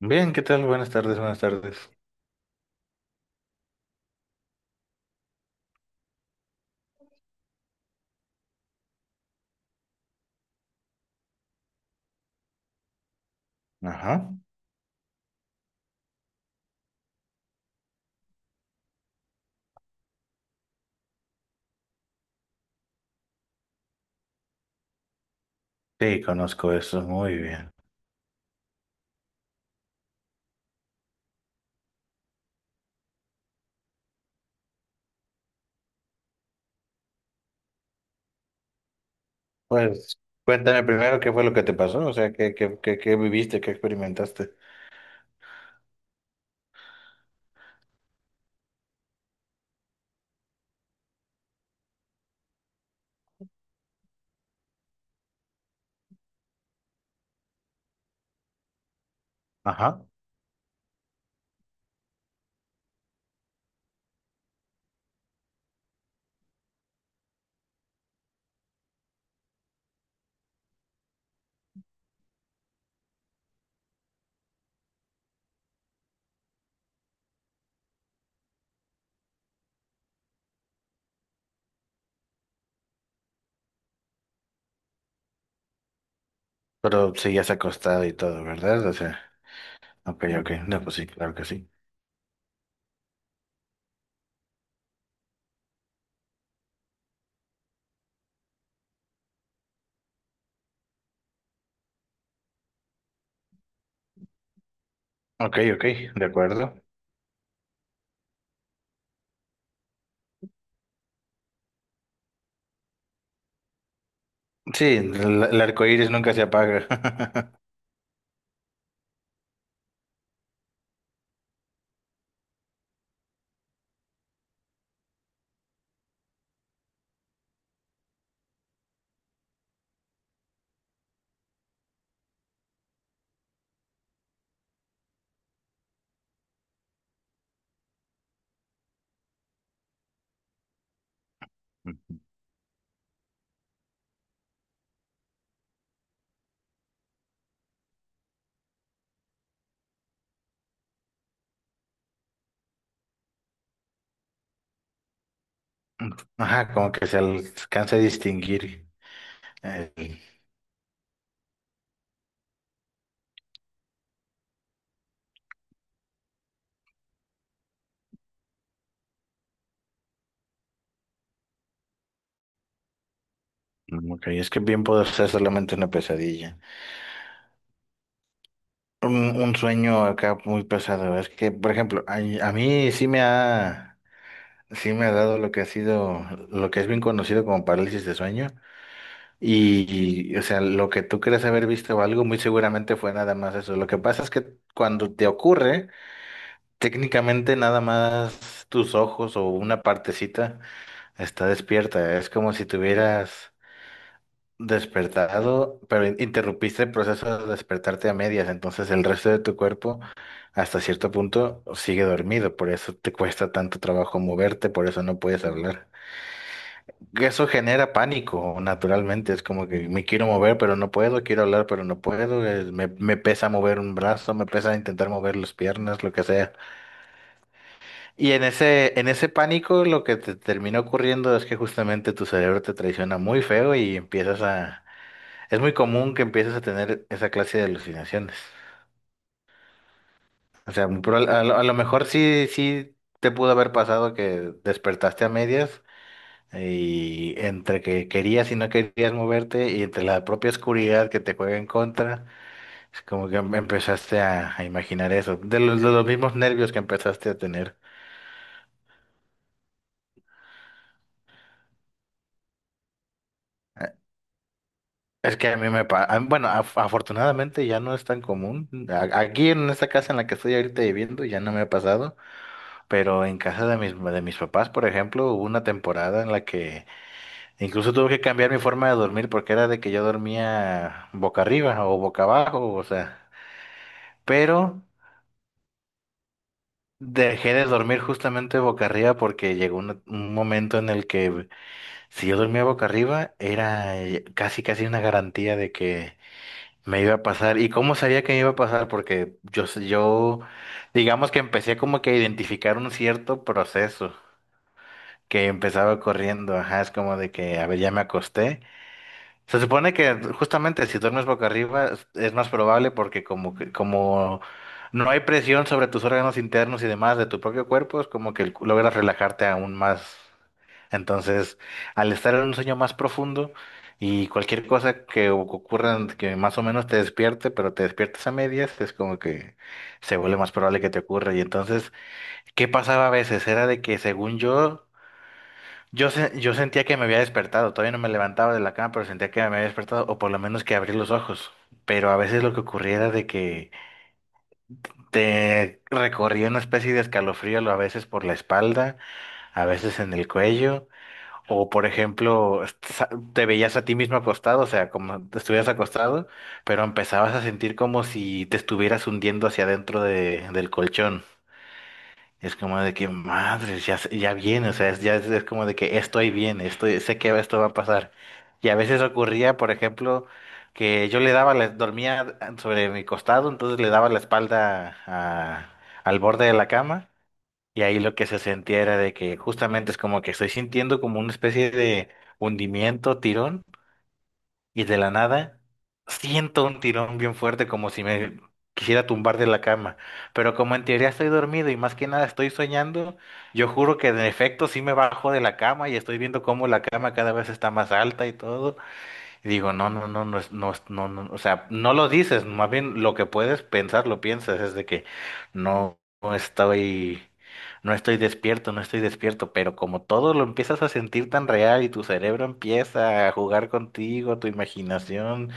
Bien, ¿qué tal? Buenas tardes, buenas tardes. Ajá. Sí, conozco eso, muy bien. Pues cuéntame primero qué fue lo que te pasó, o sea, qué viviste, qué experimentaste. Ajá. Pero sí, ya se ha acostado y todo, ¿verdad? O sea, ok, ok, no, pues sí, claro que sí. Ok, ok, de acuerdo. Sí, el arco iris nunca se apaga. Ajá, como que se alcanza a distinguir. Eh, ok, es que bien puede ser solamente una pesadilla. Un sueño acá muy pesado. Es que, por ejemplo, a mí sí sí me ha dado lo que ha sido, lo que es bien conocido como parálisis de sueño. Y o sea, lo que tú crees haber visto o algo, muy seguramente fue nada más eso. Lo que pasa es que cuando te ocurre, técnicamente nada más tus ojos o una partecita está despierta. Es como si tuvieras despertado, pero interrumpiste el proceso de despertarte a medias, entonces el resto de tu cuerpo hasta cierto punto sigue dormido, por eso te cuesta tanto trabajo moverte, por eso no puedes hablar. Eso genera pánico, naturalmente, es como que me quiero mover, pero no puedo, quiero hablar, pero no puedo, me pesa mover un brazo, me pesa intentar mover las piernas, lo que sea. Y en ese pánico lo que te termina ocurriendo es que justamente tu cerebro te traiciona muy feo y empiezas a es muy común que empieces a tener esa clase de alucinaciones. O sea, pero a lo mejor sí, sí te pudo haber pasado que despertaste a medias y entre que querías y no querías moverte y entre la propia oscuridad que te juega en contra, es como que empezaste a imaginar eso, de los mismos nervios que empezaste a tener. Eh, Es que a mí me pasa, bueno, afortunadamente ya no es tan común. A- Aquí en esta casa en la que estoy ahorita viviendo ya no me ha pasado. Pero en casa de mis papás, por ejemplo, hubo una temporada en la que incluso tuve que cambiar mi forma de dormir porque era de que yo dormía boca arriba o boca abajo, o sea, pero dejé de dormir justamente boca arriba porque llegó un momento en el que si yo dormía boca arriba era casi casi una garantía de que me iba a pasar. ¿Y cómo sabía que me iba a pasar? Porque yo digamos que empecé como que a identificar un cierto proceso. Que empezaba corriendo, ajá, es como de que, a ver, ya me acosté. Se supone que justamente si duermes boca arriba es más probable porque como no hay presión sobre tus órganos internos y demás de tu propio cuerpo, es como que el logras relajarte aún más. Entonces, al estar en un sueño más profundo y cualquier cosa que ocurra que más o menos te despierte, pero te despiertes a medias, es como que se vuelve más probable que te ocurra. Y entonces, ¿qué pasaba a veces? Era de que según yo sentía que me había despertado, todavía no me levantaba de la cama, pero sentía que me había despertado, o por lo menos que abrí los ojos. Pero a veces lo que ocurría era de que te recorría una especie de escalofrío, a veces por la espalda, a veces en el cuello, o por ejemplo, te veías a ti mismo acostado, o sea, como te estuvieras acostado, pero empezabas a sentir como si te estuvieras hundiendo hacia adentro del colchón. Es como de que, madres, ya viene, o sea, es como de que estoy bien, estoy, sé que esto va a pasar. Y a veces ocurría, por ejemplo, que yo dormía sobre mi costado, entonces le daba la espalda al borde de la cama, y ahí lo que se sentía era de que justamente es como que estoy sintiendo como una especie de hundimiento, tirón. Y de la nada siento un tirón bien fuerte como si me quisiera tumbar de la cama. Pero como en teoría estoy dormido y más que nada estoy soñando, yo juro que en efecto sí me bajo de la cama y estoy viendo cómo la cama cada vez está más alta y todo. Y digo, no, no, no, no, es- no, es- no, no, o sea, no lo dices, más bien lo que puedes pensar, lo piensas, es de que no, no estoy, no estoy despierto, no estoy despierto, pero como todo lo empiezas a sentir tan real y tu cerebro empieza a jugar contigo, tu imaginación,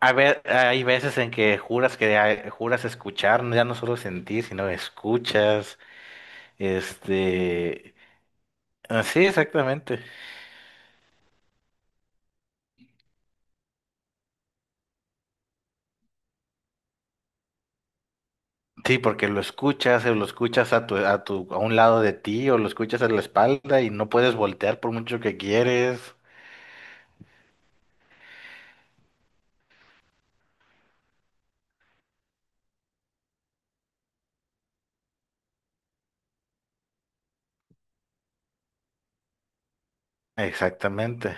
a ver, hay veces en que juras escuchar, ya no solo sentir, sino escuchas, este, ah, sí exactamente. Sí, porque lo escuchas, o lo escuchas a a un lado de ti, o lo escuchas a la espalda y no puedes voltear por mucho que quieres. Exactamente.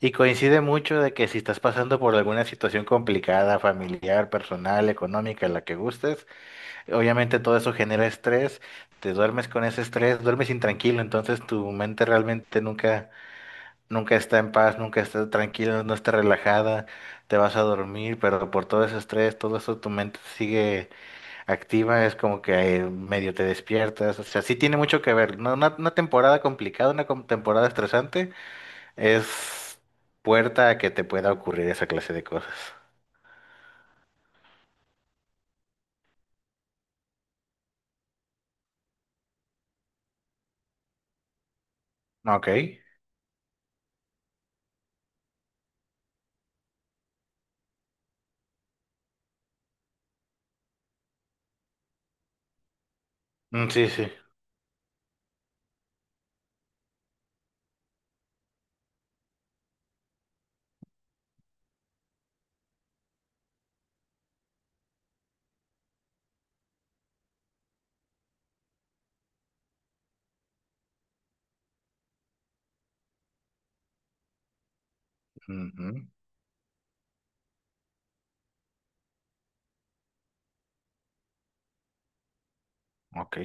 Y coincide mucho de que si estás pasando por alguna situación complicada, familiar, personal, económica, la que gustes, obviamente todo eso genera estrés, te duermes con ese estrés, duermes intranquilo, entonces tu mente realmente nunca está en paz, nunca está tranquila, no está relajada, te vas a dormir, pero por todo ese estrés, todo eso tu mente sigue activa, es como que medio te despiertas, o sea, sí tiene mucho que ver. No, una temporada complicada, una temporada estresante, es puerta a que te pueda ocurrir esa clase de cosas. Ok. Mm, sí, sí. Ujú. Ok,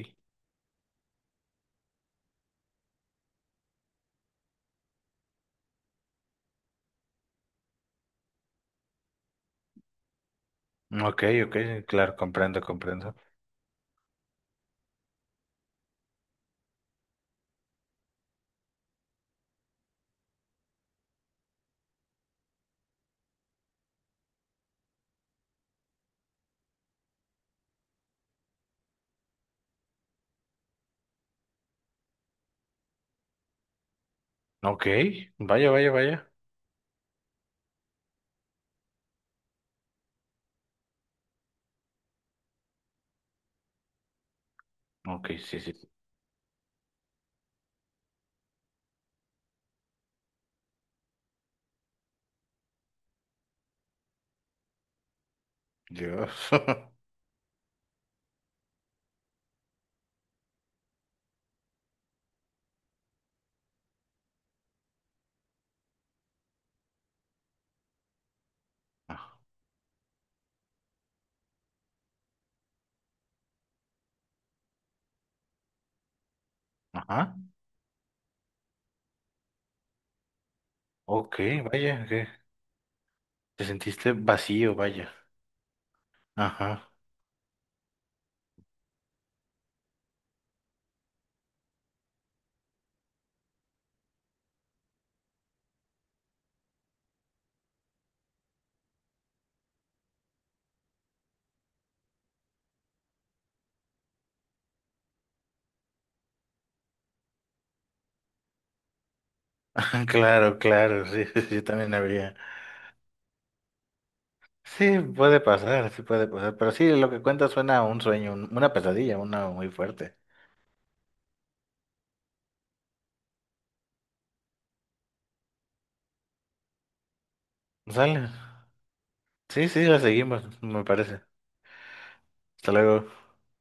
ok, claro, comprendo, comprendo. Ok, vaya, vaya, vaya. Ok, sí, sí. Dios. Ajá. Ok, vaya, que te sentiste vacío, vaya. Ajá. Claro, claro, sí, sí, yo también habría. Sí puede pasar, pero sí, lo que cuenta suena a un sueño, una pesadilla, una muy fuerte. Sale. Sí, sí, la seguimos, me parece. Hasta luego.